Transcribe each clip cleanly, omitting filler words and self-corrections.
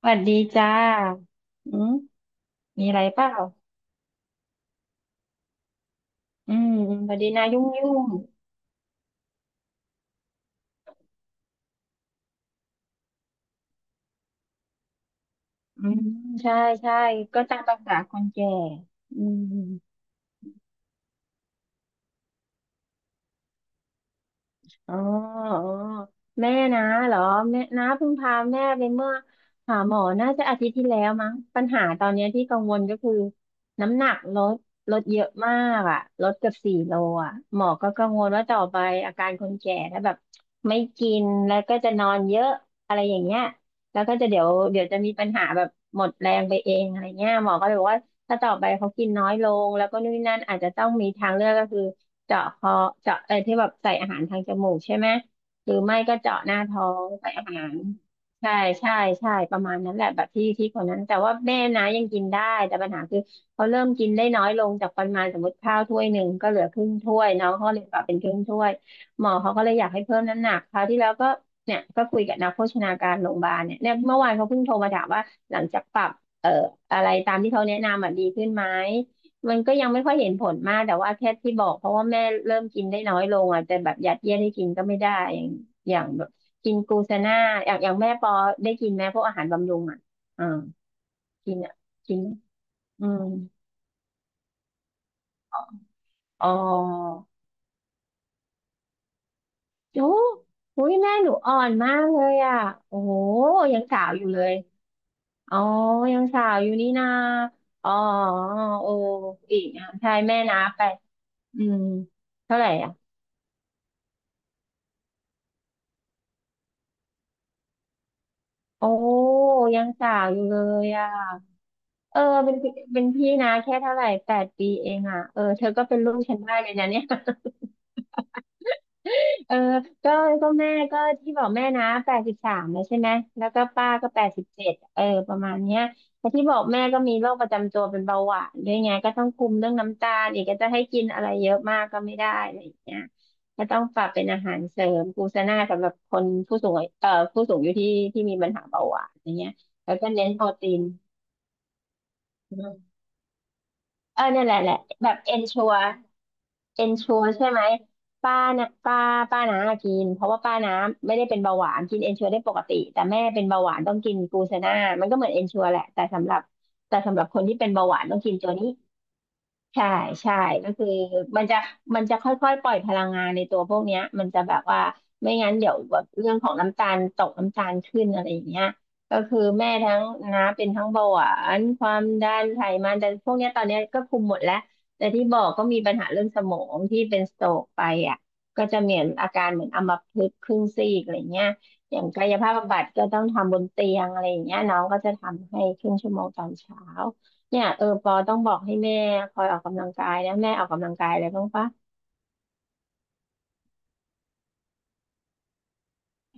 สวัสดีจ้าอืมมีอะไรเปล่าอืมพอดีนายุ่งยุ่งอืมใช่ใช่ก็ตามภาษาคนแก่อืม อ๋ออ๋อแม่นะเหรอแม่นะเพิ่งพาแม่ไปเมื่อหาหมอน่าจะอาทิตย์ที่แล้วมั้งปัญหาตอนเนี้ยที่กังวลก็คือน้ำหนักลดลดเยอะมากอ่ะลดเกือบ4 โลอ่ะหมอก็กังวลว่าต่อไปอาการคนแก่ถ้าแบบไม่กินแล้วก็จะนอนเยอะอะไรอย่างเงี้ยแล้วก็จะเดี๋ยวเดี๋ยวจะมีปัญหาแบบหมดแรงไปเองอะไรเงี้ยหมอก็เลยบอกว่า ถ้าต่อไปเขากินน้อยลงแล้วก็นู่นนนั่นอาจจะต้องมีทางเลือกก็คือเจาะคอเจาะที่แบบใส่อาหารทางจมูกใช่ไหมหรือไม่ก็เจาะหน้าท้องใส่อาหารใช่ใช่ใช่ประมาณนั้นแหละแบบที่ที่คนนั้นแต่ว่าแม่นะยังกินได้แต่ปัญหาคือเขาเริ่มกินได้น้อยลงจากปริมาณสมมติข้าวถ้วยหนึ่งก็เหลือครึ่งถ้วยน้องเขาเลยปรับเป็นครึ่งถ้วยหมอเขาก็เลยอยากให้เพิ่มน้ำหนักคราวที่แล้วก็เนี่ยก็คุยกับนักโภชนาการโรงพยาบาลเนี่ยเนี่ยเมื่อวานเขาเพิ่งโทรมาถามว่าหลังจากปรับ เอ่ออะไรตามที่เขาแนะนำอ่ะดีขึ้นไหมมันก็ยังไม่ค่อยเห็นผลมากแต่ว่าแค่ที่บอกเพราะว่าแม่เริ่มกินได้น้อยลงอ่ะแต่แบบยัดเยียดให้กินก็ไม่ได้อย่างอย่างแบบกินกลูเซน่าอย่างอย่างแม่ปอได้กินไหมพวกอาหารบำรุงอ่ะอ่ากินอ่ะกินไหมอืมอ๋อโอ้โหแม่หนูอ่อนมากเลยอ่ะโอ้โหยังสาวอยู่เลยอ๋อยังสาวอยู่นี่นาอ๋อโอ้อีกอ่ะใช่แม่นับไปอืมเท่าไหร่อ่ะ โอ้ยังสาวอยู่เลยอ่ะเออเป็นพี่เป็นพี่นะแค่เท่าไหร่8 ปีเองอ่ะเออเธอก็เป็นลูกฉันได้เลยนะเนี่ย เออก็ก็แม่ก็ที่บอกแม่นะ83แล้วใช่ไหมแล้วก็ป้าก็87เออประมาณเนี้ยแต่ที่บอกแม่ก็มีโรคประจำตัวเป็นเบาหวานด้วยไงก็ต้องคุมเรื่องน้ำตาลอีกก็จะให้กินอะไรเยอะมากก็ไม่ได้อะไรอย่างเงี้ยก็ต้องปรับเป็นอาหารเสริมกลูเสน่าสำหรับคนผู้สูงอายุผู้สูงอายุที่ที่มีปัญหาเบาหวานอย่างเงี้ยแล้วก็เน้นโปรตีน เออเนี่ยแหละแหละแบบเอนชัวเอนชัวใช่ไหมป้านะป้าป้าน้ากินเพราะว่าป้าน้าไม่ได้เป็นเบาหวานกินเอนชัวได้ปกติแต่แม่เป็นเบาหวานต้องกินกลูเซน่ามันก็เหมือนเอนชัวแหละแต่สำหรับคนที่เป็นเบาหวานต้องกินตัวนี้ ใช่ใช่ก็คือมันจะมันจะค่อยๆปล่อยพลังงานในตัวพวกเนี้ยมันจะแบบว่าไม่งั้นเดี๋ยวแบบเรื่องของน้ำตาลตกน้ำตาลขึ้นอะไรอย่างเงี้ยก็คือแม่ทั้งน้าเป็นทั้งเบาหวานความดันไขมันแต่พวกเนี้ยตอนเนี้ยก็คุมหมดแล้วแต่ที่บอกก็มีปัญหาเรื่องสมองที่เป็นสโตรกไปอ่ะก็จะเหมือนอาการเหมือนอัมพฤกษ์ครึ่งซีกอะไรเงี้ยอย่างกายภาพบำบัดก็ต้องทำบนเตียงอะไรอย่างเงี้ยน้องก็จะทำให้ครึ่งชั่วโมงตอนเช้า เนี่ยเออปอต้องบอกให้แม่คอยออกกำลังกายนะแม่ออกกำลังกายอะไรบ้างปะ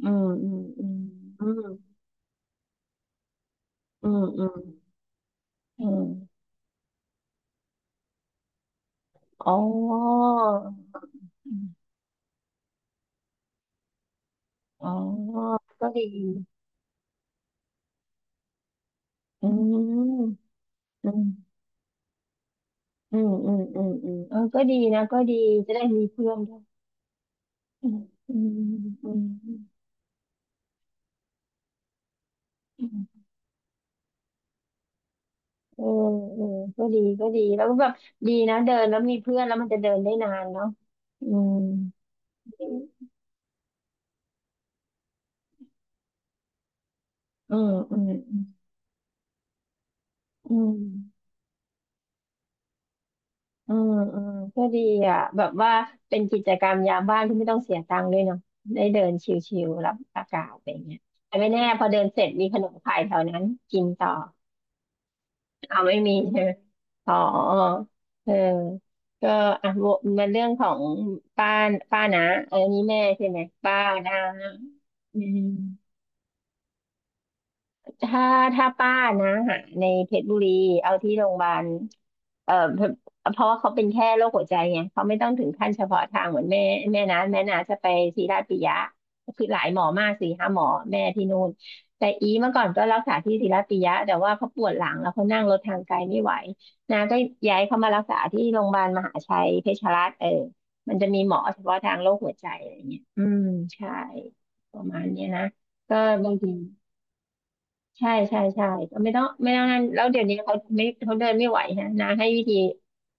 อืมอืมอืมอืมอืมอืมอืมอ๋ออืมอ๋อก็ดีอืมอืมอืมอืมอืมอืมเออก็ดีนะก็ดีจะได้มีเพื่อนด้วยอืมอืมอืมอืมเออเออก็ดีก็ดีแล้วก็แบบดีนะเดินแล้วมีเพื่อนแล้วมันจะเดินได้นานเนาะอืมอืมอืมอืม อืมอืมก็ดีอ่ะแบบว่าเป็นกิจกรรมยามว่างที่ไม่ต้องเสียตังค์ด้วยเนาะได้เดินชิลๆรับอากาศอะไรเงี้ยแต่ไม่แน่พอเดินเสร็จมีขนมขายแถวนั้นกินต่อเอาไม่มีใช่ไหมอ๋อเออก็อ่ะวกมันเรื่องของป้าป้านะเออนี่แม่ใช่ไหมป้านะอืม ถ้าถ้าป้านะหาในเพชรบุรีเอาที่โรงพยาบาลเอ่อเพเพราะว่าเขาเป็นแค่โรคหัวใจไงเขาไม่ต้องถึงขั้นเฉพาะทางเหมือนแม่แม่นะจะไปศิริราชปิยะคือหลายหมอมากสี่ห้าหมอแม่ที่นู่นแต่อีเมื่อก่อนก็รักษาที่ศิริราชปิยะแต่ว่าเขาปวดหลังแล้วเขานั่งรถทางไกลไม่ไหวนะก็ย้ายเขามารักษาที่โรงพยาบาลมหาชัยเพชรรัตน์เออมันจะมีหมอเฉพาะทางโรคหัวใจอะไรเงี้ยอืมใช่ประมาณเนี้ยนะก็บางที ใช่ใช่ใช่ไม่ต้องนั่นแล้วเดี๋ยวนี้เขาเดินไม่ไหวฮะนาให้วิธี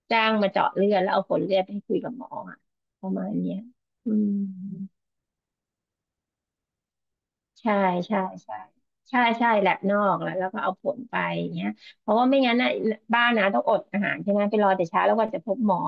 จ้างมาเจาะเลือดแล้วเอาผลเลือดไปคุยกับหมออะประมาณเนี้ยอืม ใช่ใช่ใช่ใช่ใช่แลบนอกแล้วก็เอาผลไปอย่างเงี้ยเพราะว่าไม่งั้นน่ะบ้านนะต้องอดอาหารใช่ไหมไปรอแต่เช้าแล้วกว่าจะพบหมอ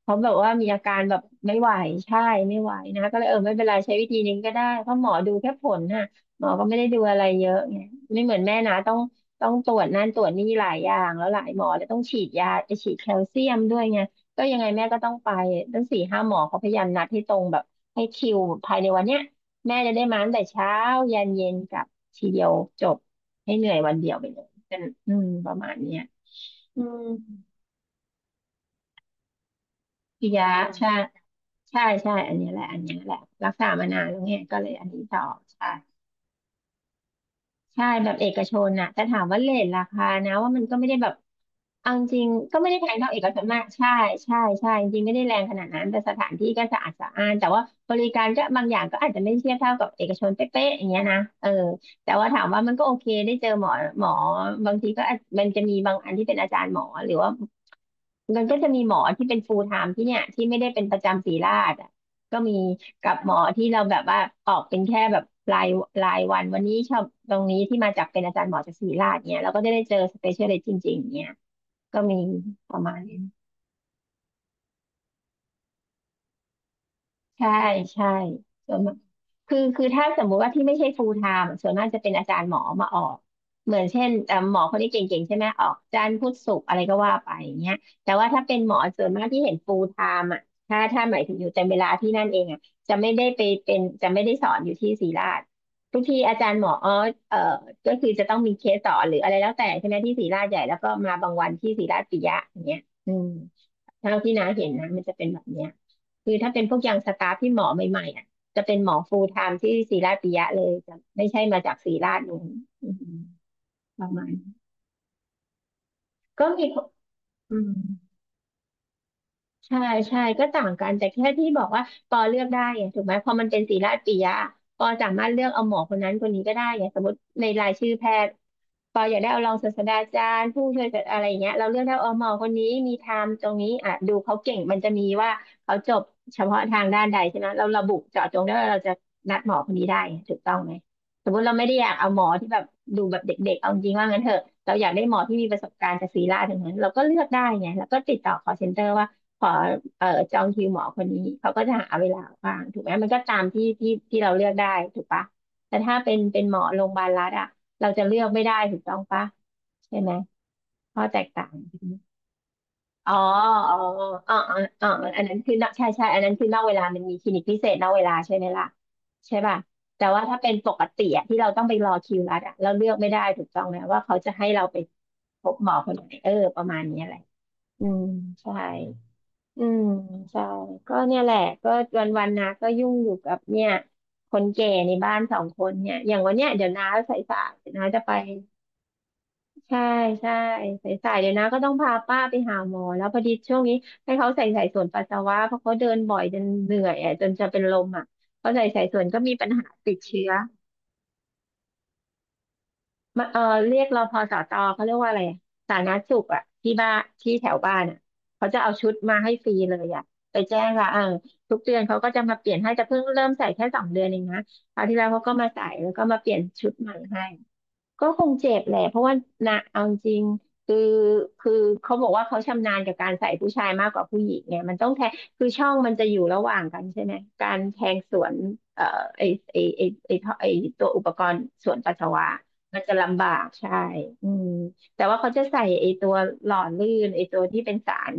เพราะแบบว่ามีอาการแบบไม่ไหวใช่ไม่ไหวนะก็เลยเออไม่เป็นไรใช้วิธีนี้ก็ได้เพราะหมอดูแค่ผลน่ะหมอก็ไม่ได้ดูอะไรเยอะไงไม่เหมือนแม่นะต้องตรวจนั่นตรวจนี่หลายอย่างแล้วหลายหมอแล้วต้องฉีดยาไปฉีดแคลเซียมด้วยไงก็ยังไงแม่ก็ต้องไปตั้งสี่ห้าหมอเขาพยายามนัดให้ตรงแบบให้คิวภายในวันเนี้ย แม่จะได้มาตั้งแต่เช้า ยันเย็นกลับทีเดียวจบให้เหนื่อยวันเดียวไปเลยเป็นประมาณเนี้ยอืมพิยะใช่ใช่ใช่อันนี้แหละอันนี้แหละรักษามานานแล้วไงก็เลยอันนี้ต่อใช่ ใช่แบบเอกชนน่ะแต่ถามว่าเรทราคานะว่ามันก็ไม่ได้แบบเอาจริงๆก็ไม่ได้แพงเท่าเอกชนมากใช่ใช่ใช่จริงๆไม่ได้แรงขนาดนั้นแต่สถานที่ก็สะอาดสะอ้านแต่ว่าบริการก็บางอย่างก็อาจจะไม่เทียบเท่ากับเอกชนเป๊ะๆอย่างเงี้ยนะเออแต่ว่าถามว่ามันก็โอเคได้เจอหมอหมอบางทีก็อาจมันจะมีบางอันที่เป็นอาจารย์หมอหรือว่า มันก็จะมีหมอที่เป็น full time ที่เนี่ยที่ไม่ได้เป็นประจำศรีราชอ่ะก็มีกับหมอที่เราแบบว่าออกเป็นแค่แบบรายรายวันวันนี้ชอบตรงนี้ที่มาจากเป็นอาจารย์หมอจากศรีราชเนี่ยเราก็จะได้เจอ specialist จริงๆเนี่ยก็มีประมาณนี้ ใช่ใช่ส่วนมากคือถ้าสมมุติว่าที่ไม่ใช่ full time ส่วนมากจะเป็นอาจารย์หมอมาออกเหมือนเช่นหมอคนนี้เก่งๆใช่ไหมออกจันทร์พุธศุกร์อะไรก็ว่าไปอย่างเงี้ยแต่ว่าถ้าเป็นหมอส่วนมากที่เห็น full time อ่ะถ้าหมายถึงอยู่เต็มเวลาที่นั่นเองอ่ะจะไม่ได้สอนอยู่ที่ศรีราชทุกทีอาจารย์หมออ๋อเอ่อก็คือจะต้องมีเคสสอนหรืออะไรแล้วแต่ใช่ไหมที่ศรีราชใหญ่แล้วก็มาบางวันที่ศรีราชปิยะอย่างเงี้ยอืม เท่าที่น้าเห็นนะมันจะเป็นแบบเนี้ยคือถ้าเป็นพวกยังสตาฟที่หมอใหม่ๆอ่ะจะเป็นหมอฟูลไทม์ที่ศิราปิยะเลยจะไม่ใช่มาจากศิราชนู้นอืมประมาณนี้ก็มีอืมใช่ใช่ก็ต่างกันแต่แค่ที่บอกว่าปอเลือกได้ไงถูกไหมพอมันเป็นศิราปิยะปอสามารถเลือกเอาหมอคนนั้นคนนี้ก็ได้ไงสมมติในรายชื่อแพทย์ ปออยากได้เอารองศาสตราจารย์ผู้ช่วยอะไรอย่างเงี้ยเราเลือกได้อมอคนนี้มีไทม์ตรงนี้อ่ะดูเขาเก่งมันจะมีว่าเขาจบเฉพาะทางด้านใดใช่ไหมเราระบุเจาะจงได้ว่าเราจะนัดหมอคนนี้ได้ถูกต้องไหมสมมติเราไม่ได้อยากเอาหมอที่แบบดูแบบเด็กๆเอาจริงว่างั้นเถอะเราอยากได้หมอที่มีประสบการณ์จากศรีราชอย่างนั้นเราก็เลือกได้ไงแล้วก็ติดต่อ call center ว่าขอเอ่อจองคิวหมอคนนี้เขาก็จะหาเวลาว่างถูกไหมมันก็ตามที่ที่เราเลือกได้ถูกปะแต่ถ้าเป็นหมอโรงพยาบาลรัฐอะ เราจะเลือกไม่ได้ถูกต้องปะใช่ไหมข้อแตกต่างอ๋ออ๋ออ๋ออ๋ออ๋ออันนั้นคือนอกใช่ใช่อันนั้นคือนอกเวลามันมีคลินิกพิเศษนอกเวลาใช่ไหมล่ะใช่ป่ะแต่ว่าถ้าเป็นปกติอะที่เราต้องไปรอคิวรัดอะเราเลือกไม่ได้ถูกต้องไหมว่าเขาจะให้เราไปพบหมอคนไหนเออประมาณนี้แหละอืมใช่อืมใช่ก็เนี่ยแหละก็วันนะก็ยุ่งอยู่กับเนี่ยคนแก่ในบ้านสองคนเนี่ยอย่างวันเนี้ยเดี๋ยวน้าใส่สายน้าจะไป ใช่ใช่สายๆเดี๋ยวนะก็ต้องพาป้าไปหาหมอแล้วพอดีช่วงนี้ให้เขาใส่สายสวนปัสสาวะเพราะเขาเดินบ่อยจนเหนื่อยอ่ะจนจะเป็นลมอ่ะเขาใส่สายสวนก็มีปัญหาติดเชื้อมาเออเรียกรพสตเขาเรียกว่าอะไรอะสาธารณสุขอ่ะที่บ้านที่แถวบ้านอ่ะเขาจะเอาชุดมาให้ฟรีเลยอ่ะไปแจ้งค่ะเออทุก เดือนเขาก็จะมาเปลี่ยนให้แต่เพิ่งเริ่มใส่แค่สองเดือนเองนะคราวที่แล้วเขาก็มาใส่แล้วก็มาเปลี่ยนชุดใหม่ให้ ก็คงเจ็บแหละเพราะว่านะเอาจริงคือคือเขาบอกว่าเขาชำนาญกับการใส่ผู้ชายมากกว่าผู้หญิงไงมันต้องแทงคือช่องมันจะอยู่ระหว่างกันใช่ไหมการแทงสวนเอ่อไอไอท่อไอตัวอุปกรณ์สวนปัสสาวะมันจะลำบากใช่อืมแต่ว่าเขาจะใส่ไอตัวหล่อลื่นไอตัวที่เป็นสาร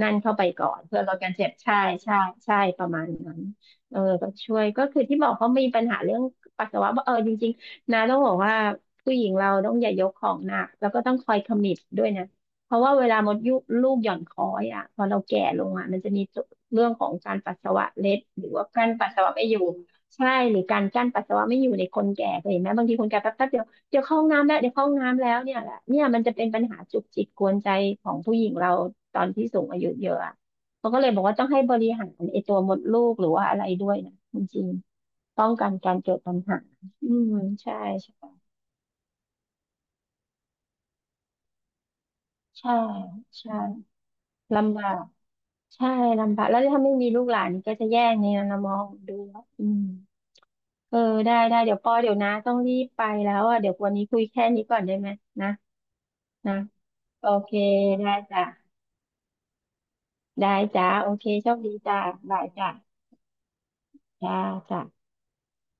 นั่นเข้าไปก่อนเพื่อลดการเจ็บใช่ใช่ใช่ประมาณนั้นเออก็ช่วยก็คือที่บอกเขามีปัญหาเรื่องปัสสาวะาเออจริงๆนะต้องบอกว่า ผู้หญิงเราต้องอย่ายกของหนักแล้วก็ต้องคอยคำมมิตด้วยนะเพราะว่าเวลามดยุลูกหย่อนคอยอ่ะพอเราแก่ลงอ่ะมันจะมีเรื่องของการปัสสาวะเล็ดหรือว่ากั้นปัสสาวะไม่อยู่ใช่หรือการกั้นปัสสาวะไม่อยู่ในคนแก่เคยเห็นไหมบางทีคนแก่แป๊บแป๊บเดียวเดี๋ยวเข้าห้องน้ำแล้วเดี๋ยวเข้าห้องน้ำแล้วเนี่ยแหละเนี่ยมันจะเป็นปัญหาจุกจิกกวนใจของผู้หญิงเราตอนที่สูงอายุเยอะอะเขาก็เลยบอกว่าต้องให้บริหารไอ้ตัวมดลูกหรือว่าอะไรด้วยนะจริงๆป้องกันการเกิดปัญหาอืมใช่ใช่ ใช่ใช่ลำบากใช่ลำบากแล้วถ้าไม่มีลูกหลานนีก็จะแย่งในนนนะมองดูแล้วอืมเออได้ได้เดี๋ยวปอเดี๋ยวนะต้องรีบไปแล้วอ่ะเดี๋ยววันนี้คุยแค่นี้ก่อนได้ไหมนะนะโอเคได้จ้ะได้จ้ะโอเคโชคดีจ้ะบายจ้ะจ้าจ้ะ